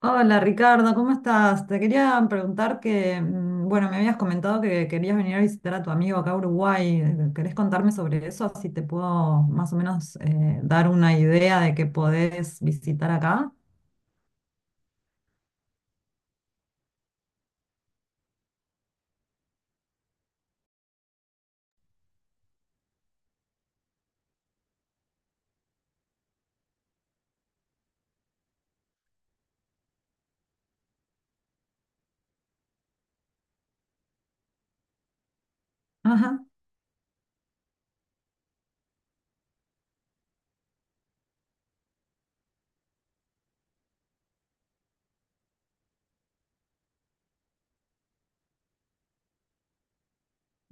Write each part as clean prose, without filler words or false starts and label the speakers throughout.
Speaker 1: Hola Ricardo, ¿cómo estás? Te quería preguntar bueno, me habías comentado que querías venir a visitar a tu amigo acá a Uruguay. ¿Querés contarme sobre eso? Así te puedo más o menos dar una idea de qué podés visitar acá. Ajá.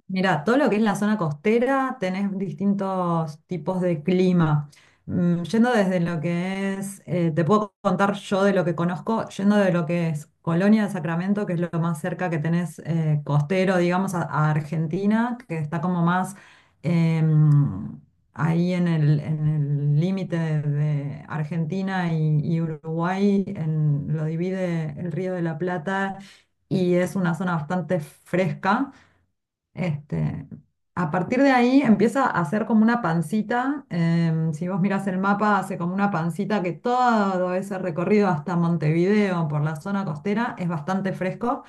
Speaker 1: Mira, todo lo que es la zona costera, tenés distintos tipos de clima. Yendo desde lo que es, te puedo contar yo de lo que conozco, yendo de lo que es Colonia de Sacramento, que es lo más cerca que tenés costero, digamos, a Argentina, que está como más em, ahí en el límite de Argentina y Uruguay, lo divide el Río de la Plata y es una zona bastante fresca este, a partir de ahí empieza a hacer como una pancita. Si vos mirás el mapa, hace como una pancita que todo ese recorrido hasta Montevideo por la zona costera es bastante fresco.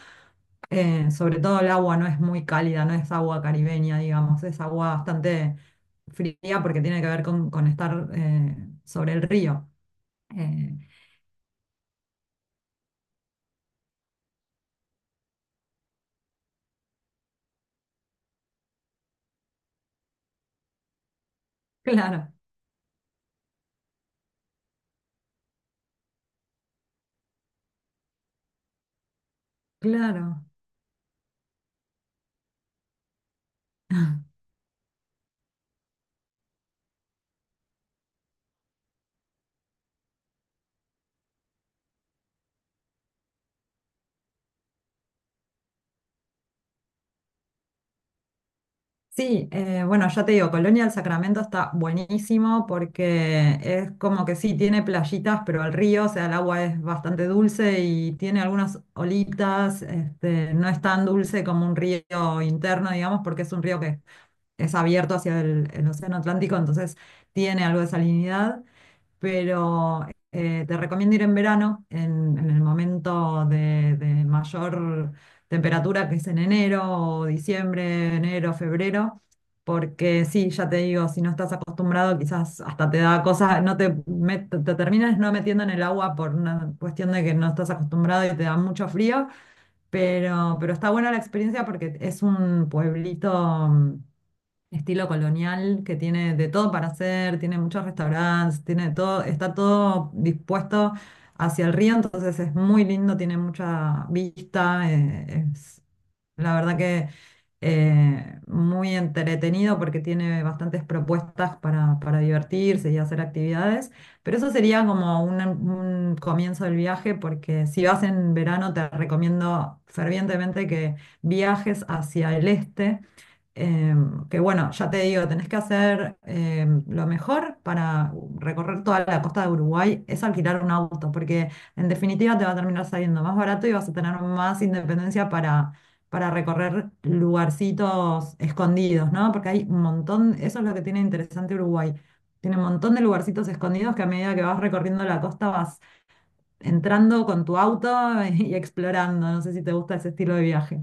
Speaker 1: Sobre todo el agua no es muy cálida, no es agua caribeña, digamos, es agua bastante fría porque tiene que ver con estar sobre el río. Eh, claro, claro. Sí, bueno, ya te digo, Colonia del Sacramento está buenísimo porque es como que sí, tiene playitas, pero el río, o sea, el agua es bastante dulce y tiene algunas olitas, este, no es tan dulce como un río interno, digamos, porque es un río que es abierto hacia el Océano Atlántico, entonces tiene algo de salinidad pero te recomiendo ir en verano, en el momento de mayor temperatura, que es en enero, o diciembre, enero, febrero, porque sí, ya te digo, si no estás acostumbrado, quizás hasta te da cosas, no te, met- te terminas no metiendo en el agua por una cuestión de que no estás acostumbrado y te da mucho frío, pero está buena la experiencia porque es un pueblito. Estilo colonial que tiene de todo para hacer, tiene muchos restaurantes, tiene de todo, está todo dispuesto hacia el río, entonces es muy lindo, tiene mucha vista, es la verdad que muy entretenido porque tiene bastantes propuestas para divertirse y hacer actividades, pero eso sería como un comienzo del viaje porque si vas en verano te recomiendo fervientemente que viajes hacia el este. Que bueno, ya te digo, tenés que hacer lo mejor para recorrer toda la costa de Uruguay es alquilar un auto, porque en definitiva te va a terminar saliendo más barato y vas a tener más independencia para recorrer lugarcitos escondidos, ¿no? Porque hay un montón, eso es lo que tiene interesante Uruguay. Tiene un montón de lugarcitos escondidos que a medida que vas recorriendo la costa vas entrando con tu auto y explorando. No sé si te gusta ese estilo de viaje.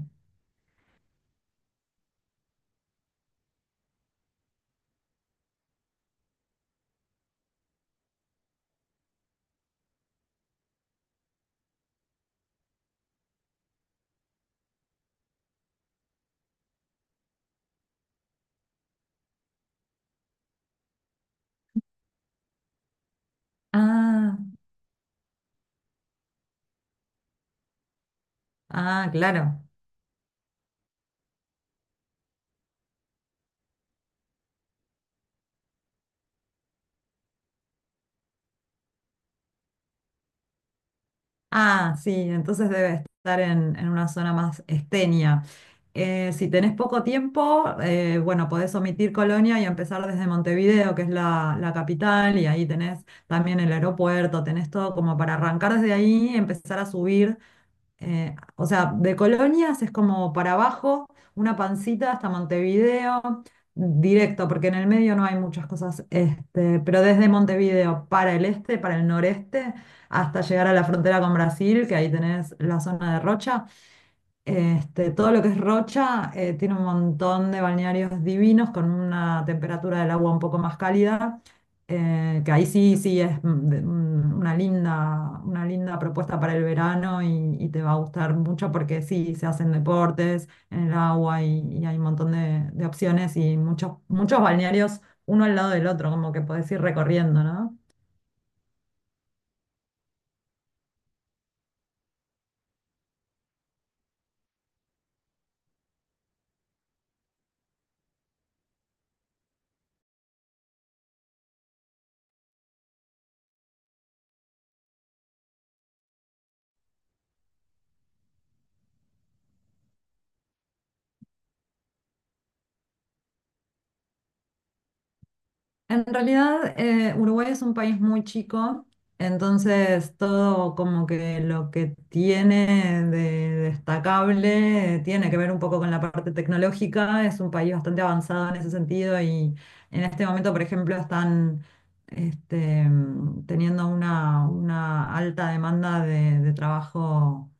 Speaker 1: Ah, claro. Ah, sí, entonces debe estar en una zona más esteña. Si tenés poco tiempo, bueno, podés omitir Colonia y empezar desde Montevideo, que es la, la capital, y ahí tenés también el aeropuerto, tenés todo como para arrancar desde ahí, empezar a subir. O sea, de Colonias es como para abajo, una pancita hasta Montevideo, directo, porque en el medio no hay muchas cosas, este, pero desde Montevideo para el este, para el noreste, hasta llegar a la frontera con Brasil, que ahí tenés la zona de Rocha, este, todo lo que es Rocha tiene un montón de balnearios divinos con una temperatura del agua un poco más cálida, que ahí sí, sí es una linda propuesta para el verano y te va a gustar mucho porque sí, se hacen deportes en el agua y hay un montón de opciones y muchos, muchos balnearios uno al lado del otro, como que podés ir recorriendo, ¿no? En realidad, Uruguay es un país muy chico, entonces todo como que lo que tiene de destacable tiene que ver un poco con la parte tecnológica. Es un país bastante avanzado en ese sentido y en este momento, por ejemplo, están teniendo una alta demanda de trabajo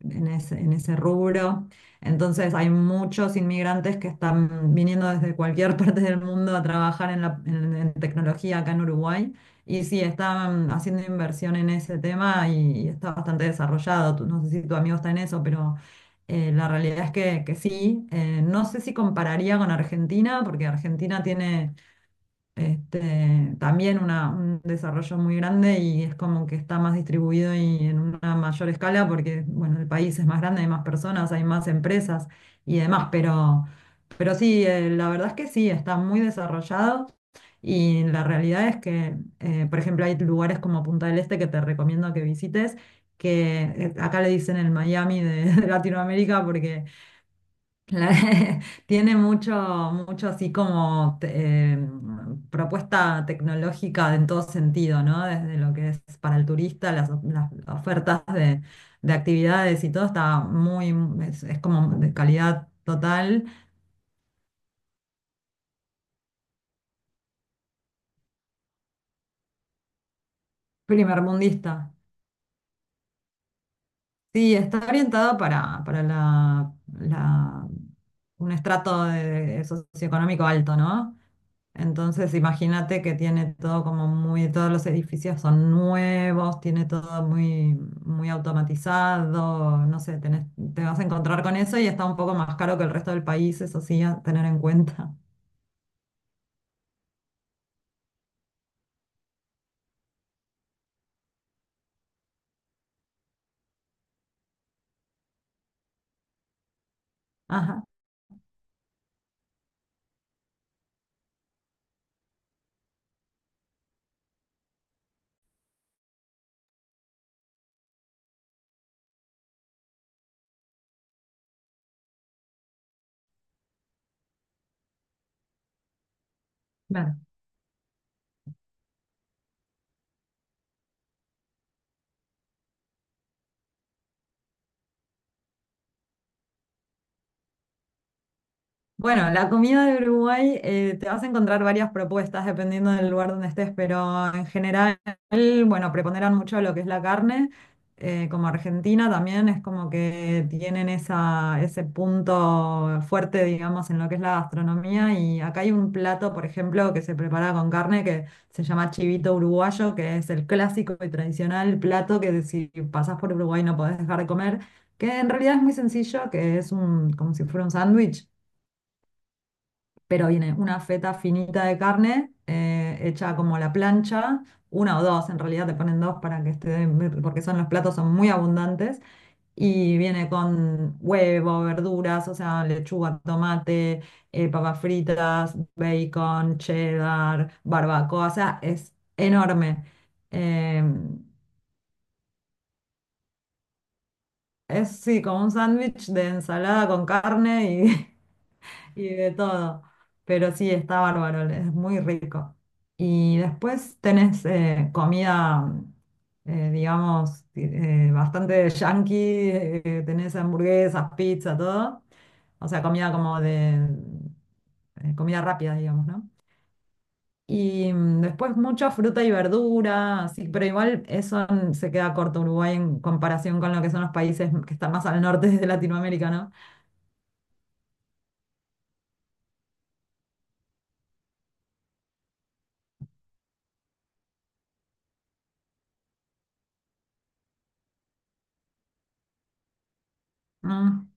Speaker 1: en ese rubro. Entonces hay muchos inmigrantes que están viniendo desde cualquier parte del mundo a trabajar en, en tecnología acá en Uruguay. Y sí, están haciendo inversión en ese tema y está bastante desarrollado. No sé si tu amigo está en eso, pero la realidad es que sí. No sé si compararía con Argentina, porque Argentina tiene este, también un desarrollo muy grande y es como que está más distribuido y en una mayor escala porque, bueno, el país es más grande, hay más personas, hay más empresas y demás, pero sí, la verdad es que sí, está muy desarrollado y la realidad es que, por ejemplo, hay lugares como Punta del Este que te recomiendo que visites, que acá le dicen el Miami de de Latinoamérica porque la- tiene mucho así como propuesta tecnológica en todo sentido, ¿no? Desde lo que es para el turista, las ofertas de actividades y todo está muy, es como de calidad total, primermundista. Sí, está orientada para la- un estrato socioeconómico alto, ¿no? Entonces, imagínate que tiene todo como muy, todos los edificios son nuevos, tiene todo muy, muy automatizado, no sé, te vas a encontrar con eso y está un poco más caro que el resto del país, eso sí, a tener en cuenta. Ajá. Claro. Bueno, la comida de Uruguay, te vas a encontrar varias propuestas dependiendo del lugar donde estés, pero en general, bueno, preponderan mucho lo que es la carne. Como Argentina también es como que tienen esa, ese punto fuerte, digamos, en lo que es la gastronomía. Y acá hay un plato, por ejemplo, que se prepara con carne que se llama chivito uruguayo, que es el clásico y tradicional plato que si pasás por Uruguay no podés dejar de comer. Que en realidad es muy sencillo, que es un, como si fuera un sándwich pero viene una feta finita de carne hecha como a la plancha, una o dos, en realidad te ponen dos para que esté, porque son los platos son muy abundantes, y viene con huevo, verduras, o sea, lechuga, tomate, papas fritas, bacon, cheddar, barbacoa, o sea, es enorme. Em, es sí, como un sándwich de ensalada con carne y y de todo. Pero sí, está bárbaro, es muy rico. Y después tenés comida, digamos, bastante yankee, tenés hamburguesas, pizza, todo. O sea, comida como de comida rápida, digamos, ¿no? Y después mucha fruta y verdura, así, pero igual eso se queda corto Uruguay en comparación con lo que son los países que están más al norte de Latinoamérica, ¿no? Mm.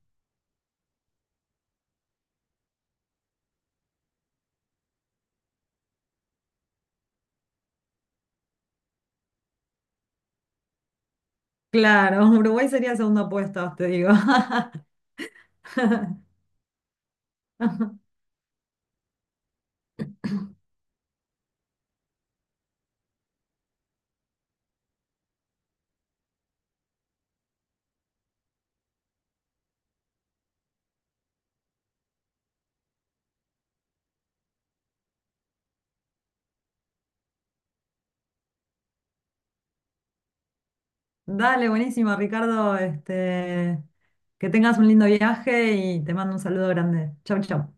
Speaker 1: Claro, Uruguay sería segundo puesto, te digo. Dale, buenísimo, Ricardo. Este, que tengas un lindo viaje y te mando un saludo grande. Chau, chau.